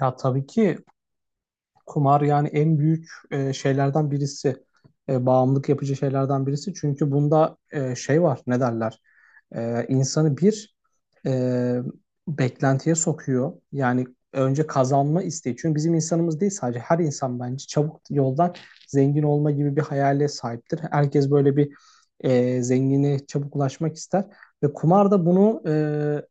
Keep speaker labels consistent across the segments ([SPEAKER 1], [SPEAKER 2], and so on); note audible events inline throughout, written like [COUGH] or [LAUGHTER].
[SPEAKER 1] Ya, tabii ki. Kumar, yani en büyük şeylerden birisi, bağımlılık yapıcı şeylerden birisi. Çünkü bunda şey var, ne derler? E, insanı bir e, beklentiye sokuyor. Yani önce kazanma isteği. Çünkü bizim insanımız değil, sadece her insan bence çabuk yoldan zengin olma gibi bir hayale sahiptir. Herkes böyle bir zenginliğe çabuk ulaşmak ister. Ve kumar da bunu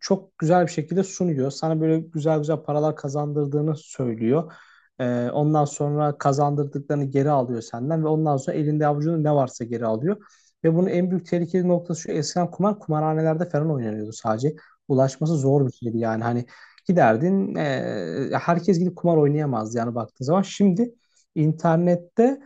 [SPEAKER 1] çok güzel bir şekilde sunuyor. Sana böyle güzel güzel paralar kazandırdığını söylüyor. Ondan sonra kazandırdıklarını geri alıyor senden ve ondan sonra elinde avucunda ne varsa geri alıyor. Ve bunun en büyük tehlikeli noktası şu: eskiden kumar kumarhanelerde falan oynanıyordu sadece. Ulaşması zor bir şeydi. Yani hani giderdin, herkes gidip kumar oynayamazdı yani, baktığın zaman. Şimdi internette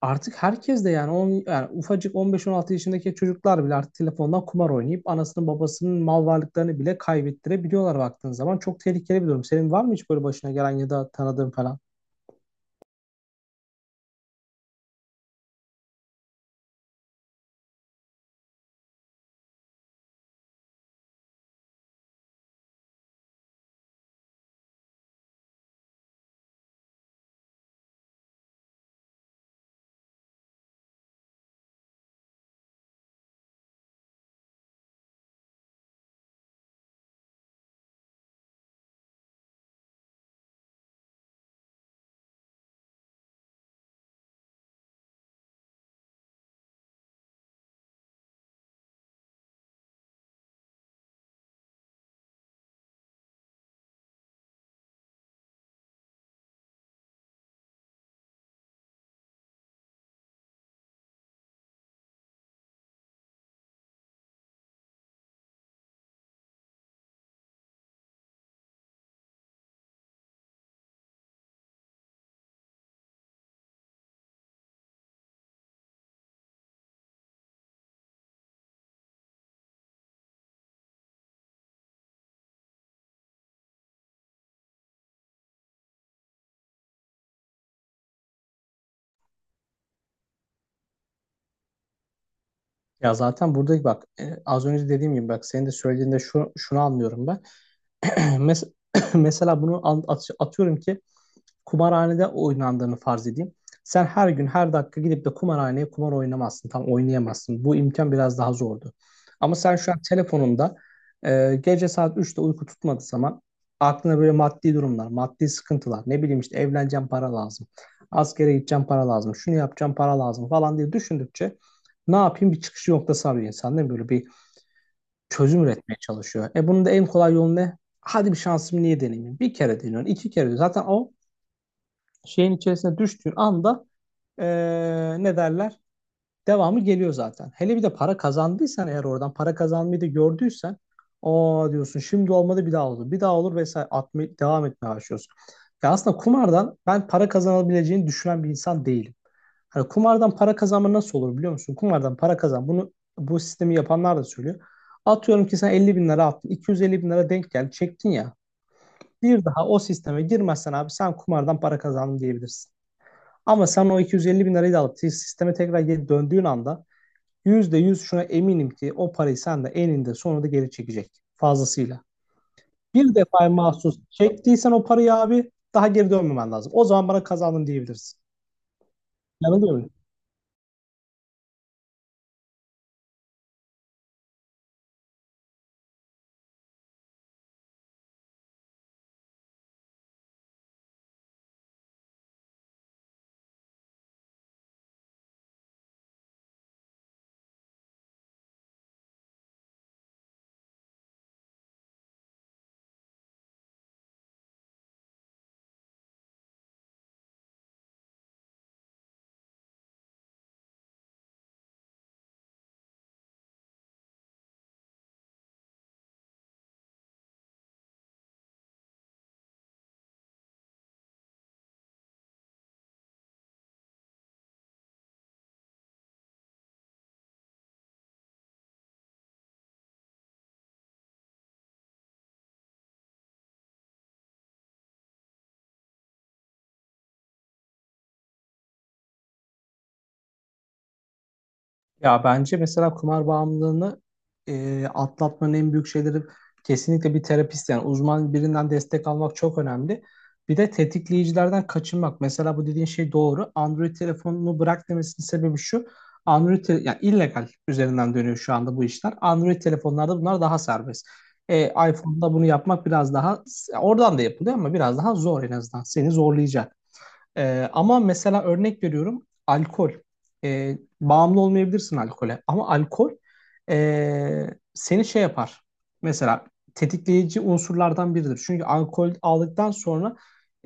[SPEAKER 1] artık herkes de, yani, yani ufacık 15-16 yaşındaki çocuklar bile artık telefondan kumar oynayıp anasının babasının mal varlıklarını bile kaybettirebiliyorlar baktığın zaman. Çok tehlikeli bir durum. Senin var mı hiç böyle başına gelen ya da tanıdığın falan? Ya zaten buradaki bak, az önce dediğim gibi, bak senin de söylediğinde şunu anlıyorum ben. [CLEARS THROAT] Mes- [CLEARS THROAT] Mesela bunu atıyorum ki kumarhanede oynandığını farz edeyim. Sen her gün her dakika gidip de kumarhaneye kumar oynamazsın. Tam oynayamazsın. Bu imkan biraz daha zordu. Ama sen şu an telefonunda, gece saat üçte uyku tutmadığı zaman, aklına böyle maddi durumlar, maddi sıkıntılar, ne bileyim işte, evleneceğim para lazım, askere gideceğim para lazım, şunu yapacağım para lazım falan diye düşündükçe, ne yapayım, bir çıkış noktası arıyor insan değil mi? Böyle bir çözüm üretmeye çalışıyor. E, bunun da en kolay yolu ne? Hadi bir şansımı niye deneyeyim? Bir kere deniyorsun, iki kere deniyorsun. Zaten o şeyin içerisine düştüğün anda, ne derler, devamı geliyor zaten. Hele bir de para kazandıysan, eğer oradan para kazanmayı da gördüysen, o diyorsun şimdi olmadı bir daha olur. Bir daha olur vesaire atmaya, devam etmeye başlıyorsun. Ya aslında kumardan ben para kazanabileceğini düşünen bir insan değilim. Hani kumardan para kazanma nasıl olur biliyor musun? Kumardan para kazan. Bunu bu sistemi yapanlar da söylüyor. Atıyorum ki sen 50 bin lira attın. 250 bin lira denk geldi. Çektin ya. Bir daha o sisteme girmezsen abi, sen kumardan para kazandın diyebilirsin. Ama sen o 250 bin lirayı da alıp sisteme tekrar geri döndüğün anda, %100 şuna eminim ki o parayı sen de eninde sonunda geri çekecek fazlasıyla. Bir defa mahsus çektiysen o parayı abi, daha geri dönmemen lazım. O zaman bana kazandın diyebilirsin. Yanılıyor muyum? Ya bence mesela kumar bağımlılığını atlatmanın en büyük şeyleri, kesinlikle bir terapist, yani uzman birinden destek almak çok önemli. Bir de tetikleyicilerden kaçınmak. Mesela bu dediğin şey doğru. Android telefonunu bırak demesinin sebebi şu: Android yani illegal üzerinden dönüyor şu anda bu işler. Android telefonlarda bunlar daha serbest. iPhone'da bunu yapmak biraz daha, oradan da yapılıyor ama biraz daha zor en azından. Seni zorlayacak. Ama mesela örnek veriyorum, alkol. Bağımlı olmayabilirsin alkole ama alkol ee, seni şey yapar. Mesela tetikleyici unsurlardan biridir. Çünkü alkol aldıktan sonra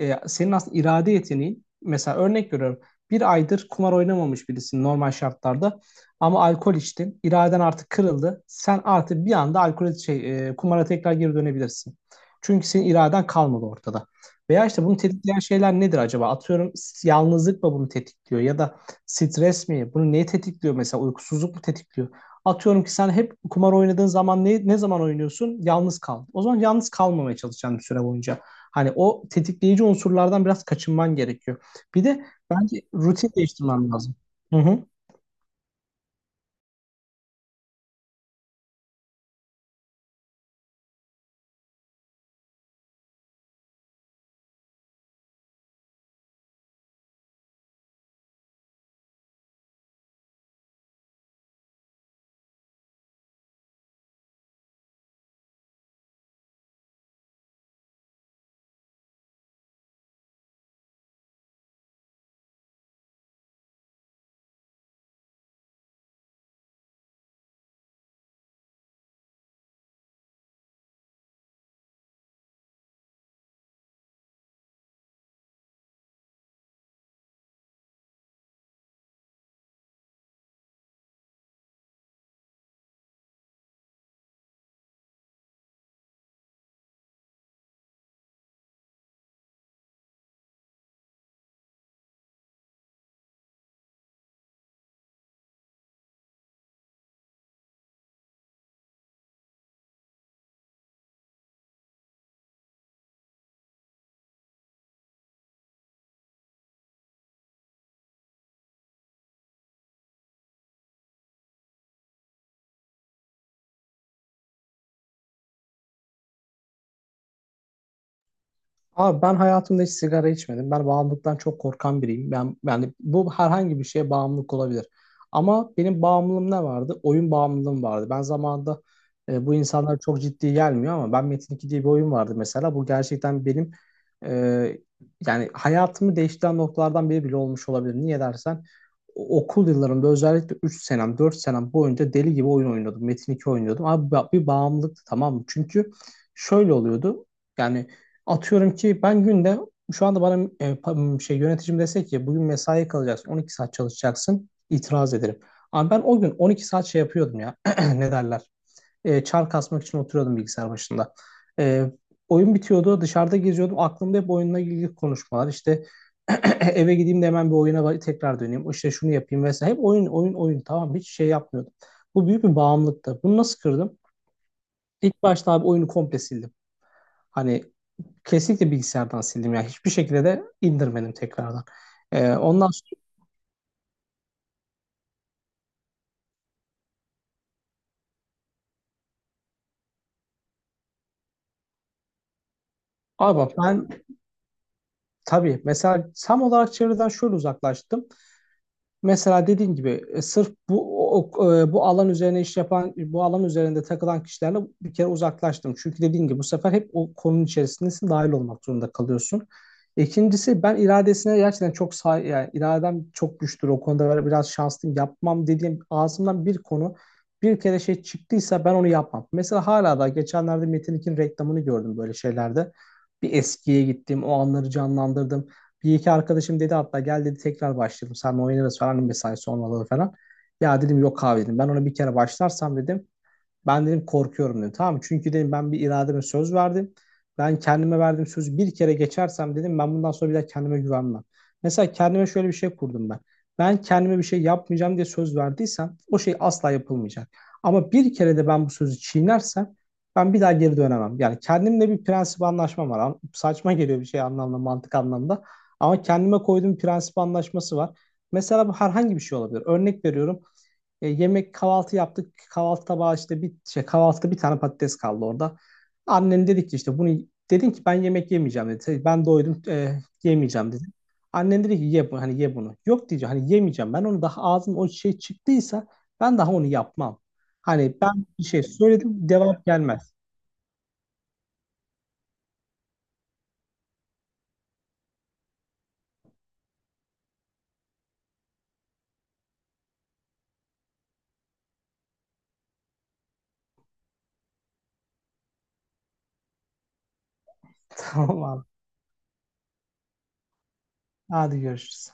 [SPEAKER 1] senin aslında irade yeteneğin, mesela örnek veriyorum, bir aydır kumar oynamamış birisin normal şartlarda, ama alkol içtin. İraden artık kırıldı. Sen artık bir anda kumara tekrar geri dönebilirsin. Çünkü senin iraden kalmadı ortada. Veya işte bunu tetikleyen şeyler nedir acaba? Atıyorum, yalnızlık mı bunu tetikliyor ya da stres mi? Bunu neyi tetikliyor mesela? Uykusuzluk mu tetikliyor? Atıyorum ki sen hep kumar oynadığın zaman, ne zaman oynuyorsun? Yalnız kal. O zaman yalnız kalmamaya çalışacaksın bir süre boyunca. Hani o tetikleyici unsurlardan biraz kaçınman gerekiyor. Bir de bence rutin değiştirmen lazım. Hı hı. Abi ben hayatımda hiç sigara içmedim. Ben bağımlılıktan çok korkan biriyim. Ben, yani bu, herhangi bir şeye bağımlılık olabilir. Ama benim bağımlılığım ne vardı? Oyun bağımlılığım vardı. Ben zamanında, bu insanlar çok ciddi gelmiyor ama, ben Metin 2 diye bir oyun vardı mesela. Bu gerçekten benim e, yani hayatımı değiştiren noktalardan biri bile olmuş olabilir. Niye dersen, okul yıllarımda özellikle 3 senem 4 senem boyunca deli gibi oyun oynuyordum. Metin 2 oynuyordum. Abi bir bağımlılıktı, tamam mı? Çünkü şöyle oluyordu. Yani atıyorum ki ben günde, şu anda bana yöneticim dese ki bugün mesai kalacaksın, 12 saat çalışacaksın, itiraz ederim. Ama ben o gün 12 saat şey yapıyordum ya. [CLEARS THROAT] Ne derler, çar kasmak için oturuyordum bilgisayar başında. E, oyun bitiyordu, dışarıda geziyordum, aklımda hep oyunla ilgili konuşmalar. İşte [CLEARS THROAT] eve gideyim de hemen bir oyuna tekrar döneyim, işte şunu yapayım vesaire, hep oyun oyun oyun, tamam, hiç şey yapmıyordum. Bu büyük bir bağımlılıktı. Bunu nasıl kırdım? İlk başta abi oyunu komple sildim. Hani kesinlikle bilgisayardan sildim. Yani hiçbir şekilde de indirmedim tekrardan. Ondan sonra abi bak, ben tabii mesela tam olarak çevreden şöyle uzaklaştım. Mesela dediğim gibi, sırf bu o- o- e, bu alan üzerine iş yapan, bu alan üzerinde takılan kişilerle bir kere uzaklaştım. Çünkü dediğim gibi, bu sefer hep o konunun içerisindesin, dahil olmak zorunda kalıyorsun. İkincisi, ben iradesine gerçekten çok say, yani iradem çok güçtür o konuda, böyle biraz şanslıyım. Yapmam dediğim, ağzımdan bir konu bir kere şey çıktıysa ben onu yapmam. Mesela hala da geçenlerde Metin 2'nin reklamını gördüm böyle şeylerde. Bir eskiye gittim, o anları canlandırdım. Bir iki arkadaşım dedi hatta, gel dedi, tekrar başlayalım. Sen oynarız falan, mesai sonraları falan. Ya dedim, yok abi dedim. Ben ona bir kere başlarsam dedim. Ben dedim korkuyorum dedim. Tamam, çünkü dedim ben bir irademe söz verdim. Ben kendime verdiğim sözü bir kere geçersem dedim, ben bundan sonra bir daha kendime güvenmem. Mesela kendime şöyle bir şey kurdum ben. Ben kendime bir şey yapmayacağım diye söz verdiysem, o şey asla yapılmayacak. Ama bir kere de ben bu sözü çiğnersem, ben bir daha geri dönemem. Yani kendimle bir prensip anlaşmam var. Saçma geliyor bir şey anlamda, mantık anlamda. Ama kendime koyduğum prensip anlaşması var. Mesela bu herhangi bir şey olabilir. Örnek veriyorum. Yemek kahvaltı yaptık. Kahvaltı tabağı işte bir şey, kahvaltıda bir tane patates kaldı orada. Annem dedi ki işte bunu, dedim ki ben yemek yemeyeceğim dedi. Ben doydum, yemeyeceğim dedim. Annem dedi ki ye hani ye bunu. Yok diyeceğim, hani yemeyeceğim. Ben onu daha, ağzım o şey çıktıysa ben daha onu yapmam. Hani ben bir şey söyledim, cevap gelmez. [LAUGHS] Tamam abi. Hadi görüşürüz.